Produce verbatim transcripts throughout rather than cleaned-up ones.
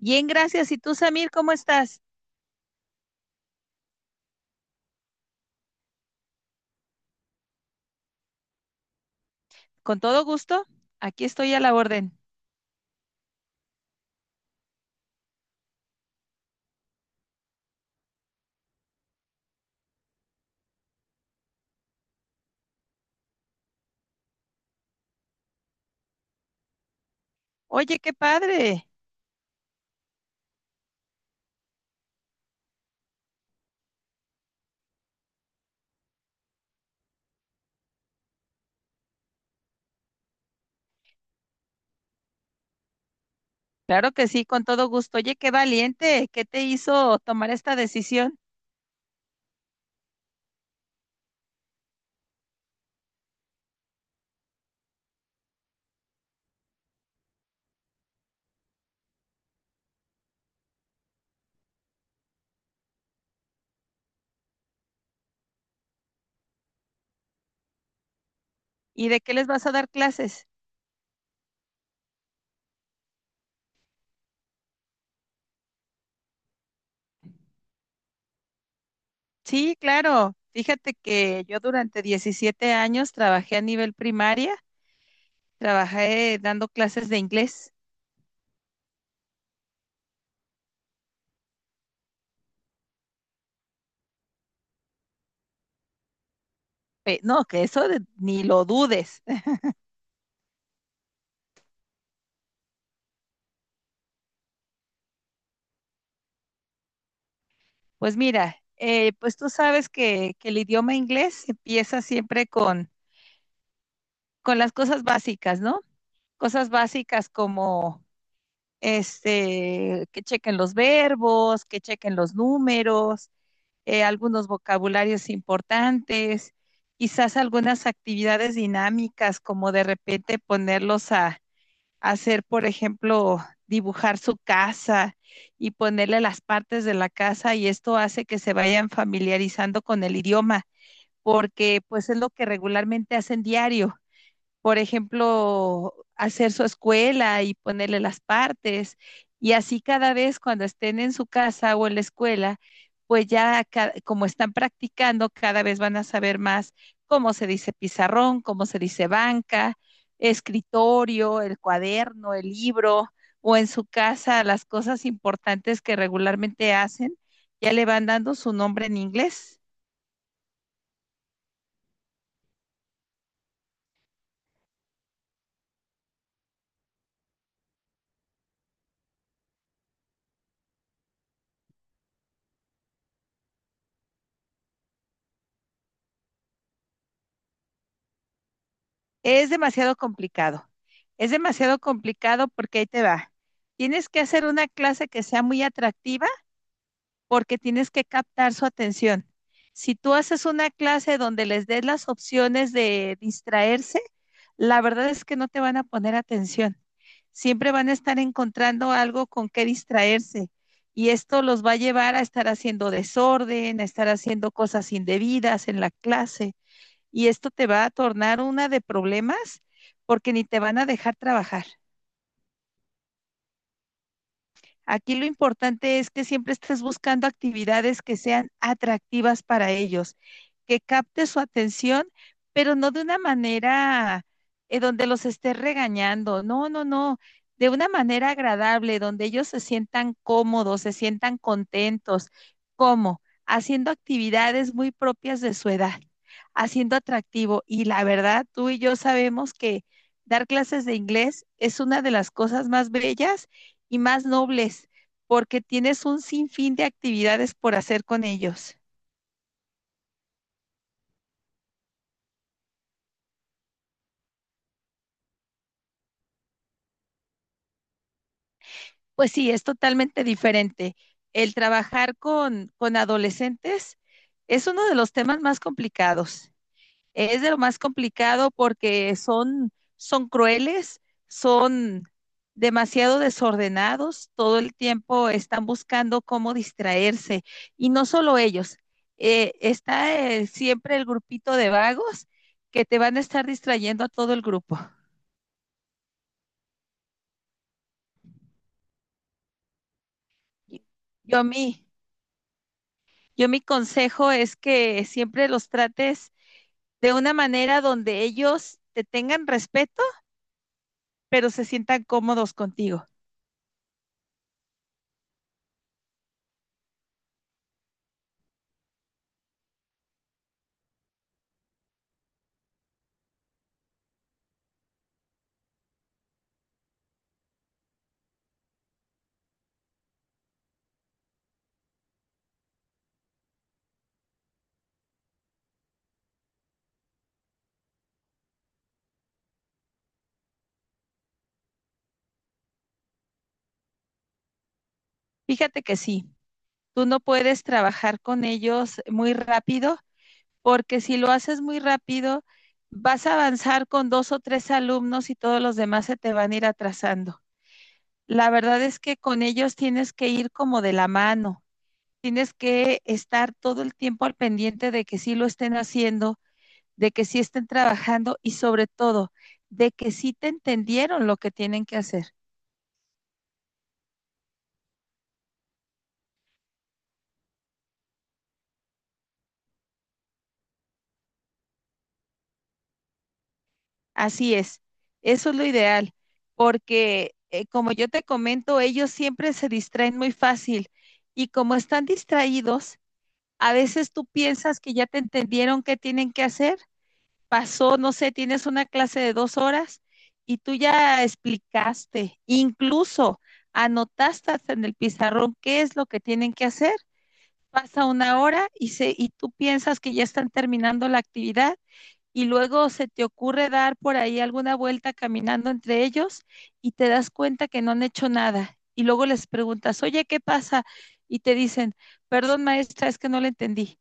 Bien, gracias. ¿Y tú, Samir, cómo estás? Con todo gusto. Aquí estoy a la orden. Oye, qué padre. Claro que sí, con todo gusto. Oye, qué valiente. ¿Qué te hizo tomar esta decisión? ¿Y de qué les vas a dar clases? Sí, claro. Fíjate que yo durante diecisiete años trabajé a nivel primaria, trabajé dando clases de inglés. Eh, no, que eso de- ni lo dudes. Pues mira, eh, pues tú sabes que, que el idioma inglés empieza siempre con, con las cosas básicas, ¿no? Cosas básicas como este, que chequen los verbos, que chequen los números, eh, algunos vocabularios importantes, quizás algunas actividades dinámicas como de repente ponerlos a, a hacer, por ejemplo, dibujar su casa y ponerle las partes de la casa, y esto hace que se vayan familiarizando con el idioma porque pues es lo que regularmente hacen diario, por ejemplo, hacer su escuela y ponerle las partes. Y así cada vez cuando estén en su casa o en la escuela, pues ya ca- como están practicando, cada vez van a saber más cómo se dice pizarrón, cómo se dice banca, escritorio, el cuaderno, el libro, o en su casa las cosas importantes que regularmente hacen, ya le van dando su nombre en inglés. Es demasiado complicado. Es demasiado complicado porque ahí te va. Tienes que hacer una clase que sea muy atractiva porque tienes que captar su atención. Si tú haces una clase donde les des las opciones de distraerse, la verdad es que no te van a poner atención. Siempre van a estar encontrando algo con que distraerse, y esto los va a llevar a estar haciendo desorden, a estar haciendo cosas indebidas en la clase, y esto te va a tornar una de problemas porque ni te van a dejar trabajar. Aquí lo importante es que siempre estés buscando actividades que sean atractivas para ellos, que capte su atención, pero no de una manera eh, donde los estés regañando. No, no, no. De una manera agradable, donde ellos se sientan cómodos, se sientan contentos. ¿Cómo? Haciendo actividades muy propias de su edad, haciendo atractivo. Y la verdad, tú y yo sabemos que dar clases de inglés es una de las cosas más bellas y más nobles, porque tienes un sinfín de actividades por hacer con ellos. Pues sí, es totalmente diferente. El trabajar con, con adolescentes es uno de los temas más complicados. Es de lo más complicado porque son, son crueles, son demasiado desordenados, todo el tiempo están buscando cómo distraerse. Y no solo ellos, eh, está eh, siempre el grupito de vagos que te van a estar distrayendo a todo el grupo. Y- Yo mi, yo mi consejo es que siempre los trates de una manera donde ellos te tengan respeto, pero se sientan cómodos contigo. Fíjate que sí, tú no puedes trabajar con ellos muy rápido, porque si lo haces muy rápido, vas a avanzar con dos o tres alumnos y todos los demás se te van a ir atrasando. La verdad es que con ellos tienes que ir como de la mano, tienes que estar todo el tiempo al pendiente de que sí lo estén haciendo, de que sí estén trabajando, y sobre todo de que sí te entendieron lo que tienen que hacer. Así es, eso es lo ideal, porque eh, como yo te comento, ellos siempre se distraen muy fácil, y como están distraídos, a veces tú piensas que ya te entendieron qué tienen que hacer. Pasó, no sé, tienes una clase de dos horas y tú ya explicaste, incluso anotaste hasta en el pizarrón qué es lo que tienen que hacer. Pasa una hora y, se, y tú piensas que ya están terminando la actividad, y luego se te ocurre dar por ahí alguna vuelta caminando entre ellos y te das cuenta que no han hecho nada. Y luego les preguntas, oye, ¿qué pasa? Y te dicen, perdón maestra, es que no la entendí.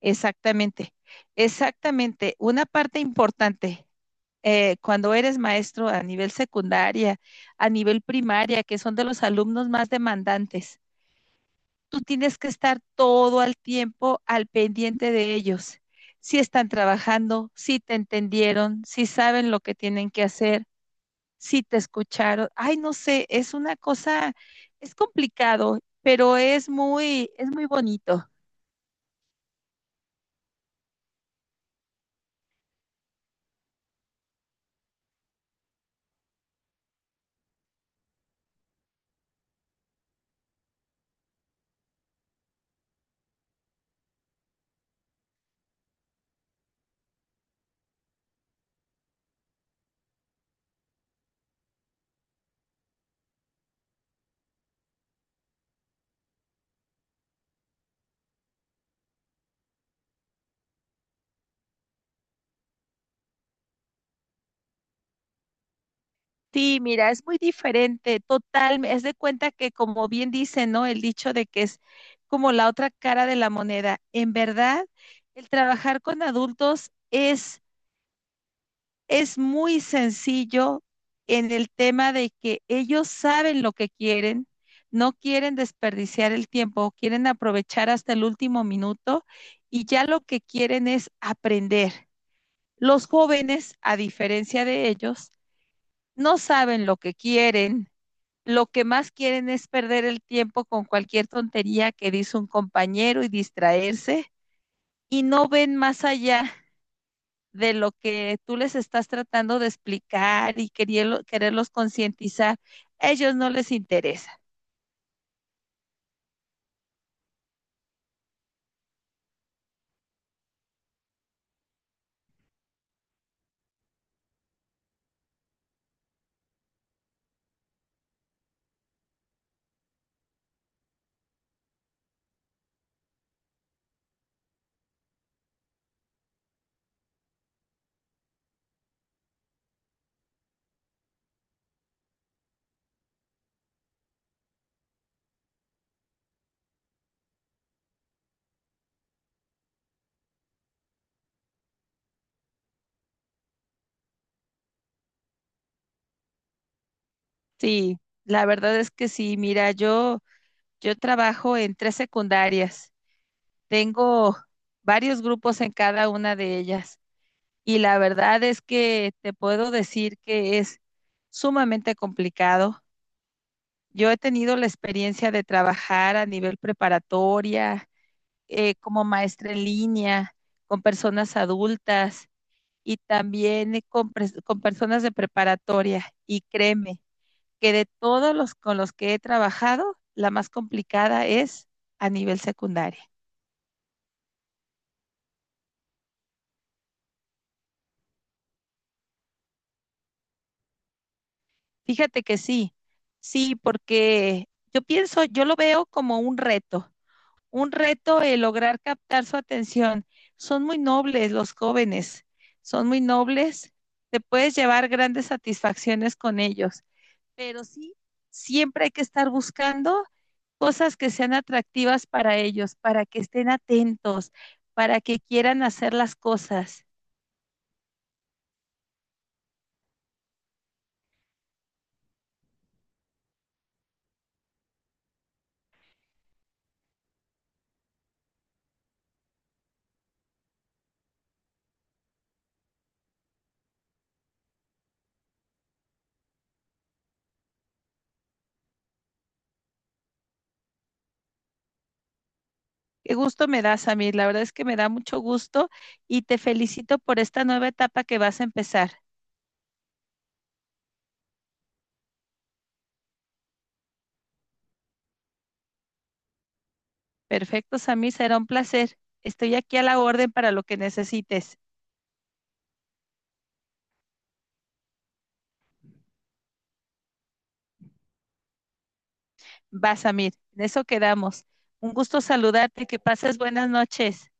Exactamente, exactamente. Una parte importante, eh, cuando eres maestro a nivel secundaria, a nivel primaria, que son de los alumnos más demandantes, tú tienes que estar todo el tiempo al pendiente de ellos. Si están trabajando, si te entendieron, si saben lo que tienen que hacer, si te escucharon. Ay, no sé, es una cosa, es complicado, pero es muy, es muy bonito. Sí, mira, es muy diferente, total, es de cuenta que, como bien dice, ¿no? El dicho de que es como la otra cara de la moneda. En verdad, el trabajar con adultos es es muy sencillo en el tema de que ellos saben lo que quieren, no quieren desperdiciar el tiempo, quieren aprovechar hasta el último minuto, y ya lo que quieren es aprender. Los jóvenes, a diferencia de ellos, no saben lo que quieren. Lo que más quieren es perder el tiempo con cualquier tontería que dice un compañero y distraerse, y no ven más allá de lo que tú les estás tratando de explicar y querielo- quererlos concientizar, a ellos no les interesa. Sí, la verdad es que sí, mira, yo, yo trabajo en tres secundarias, tengo varios grupos en cada una de ellas, y la verdad es que te puedo decir que es sumamente complicado. Yo he tenido la experiencia de trabajar a nivel preparatoria, eh, como maestra en línea, con personas adultas, y también eh, con, pres- con personas de preparatoria. Y créeme que de todos los con los que he trabajado, la más complicada es a nivel secundaria. Fíjate que sí, sí, porque yo pienso, yo lo veo como un reto. Un reto el lograr captar su atención. Son muy nobles los jóvenes, son muy nobles, te puedes llevar grandes satisfacciones con ellos, pero sí, siempre hay que estar buscando cosas que sean atractivas para ellos, para que estén atentos, para que quieran hacer las cosas. Qué gusto me das, Samir, la verdad es que me da mucho gusto, y te felicito por esta nueva etapa que vas a empezar. Perfecto, Samir, será un placer. Estoy aquí a la orden para lo que necesites. Basamir. En eso quedamos. Un gusto saludarte, que pases buenas noches.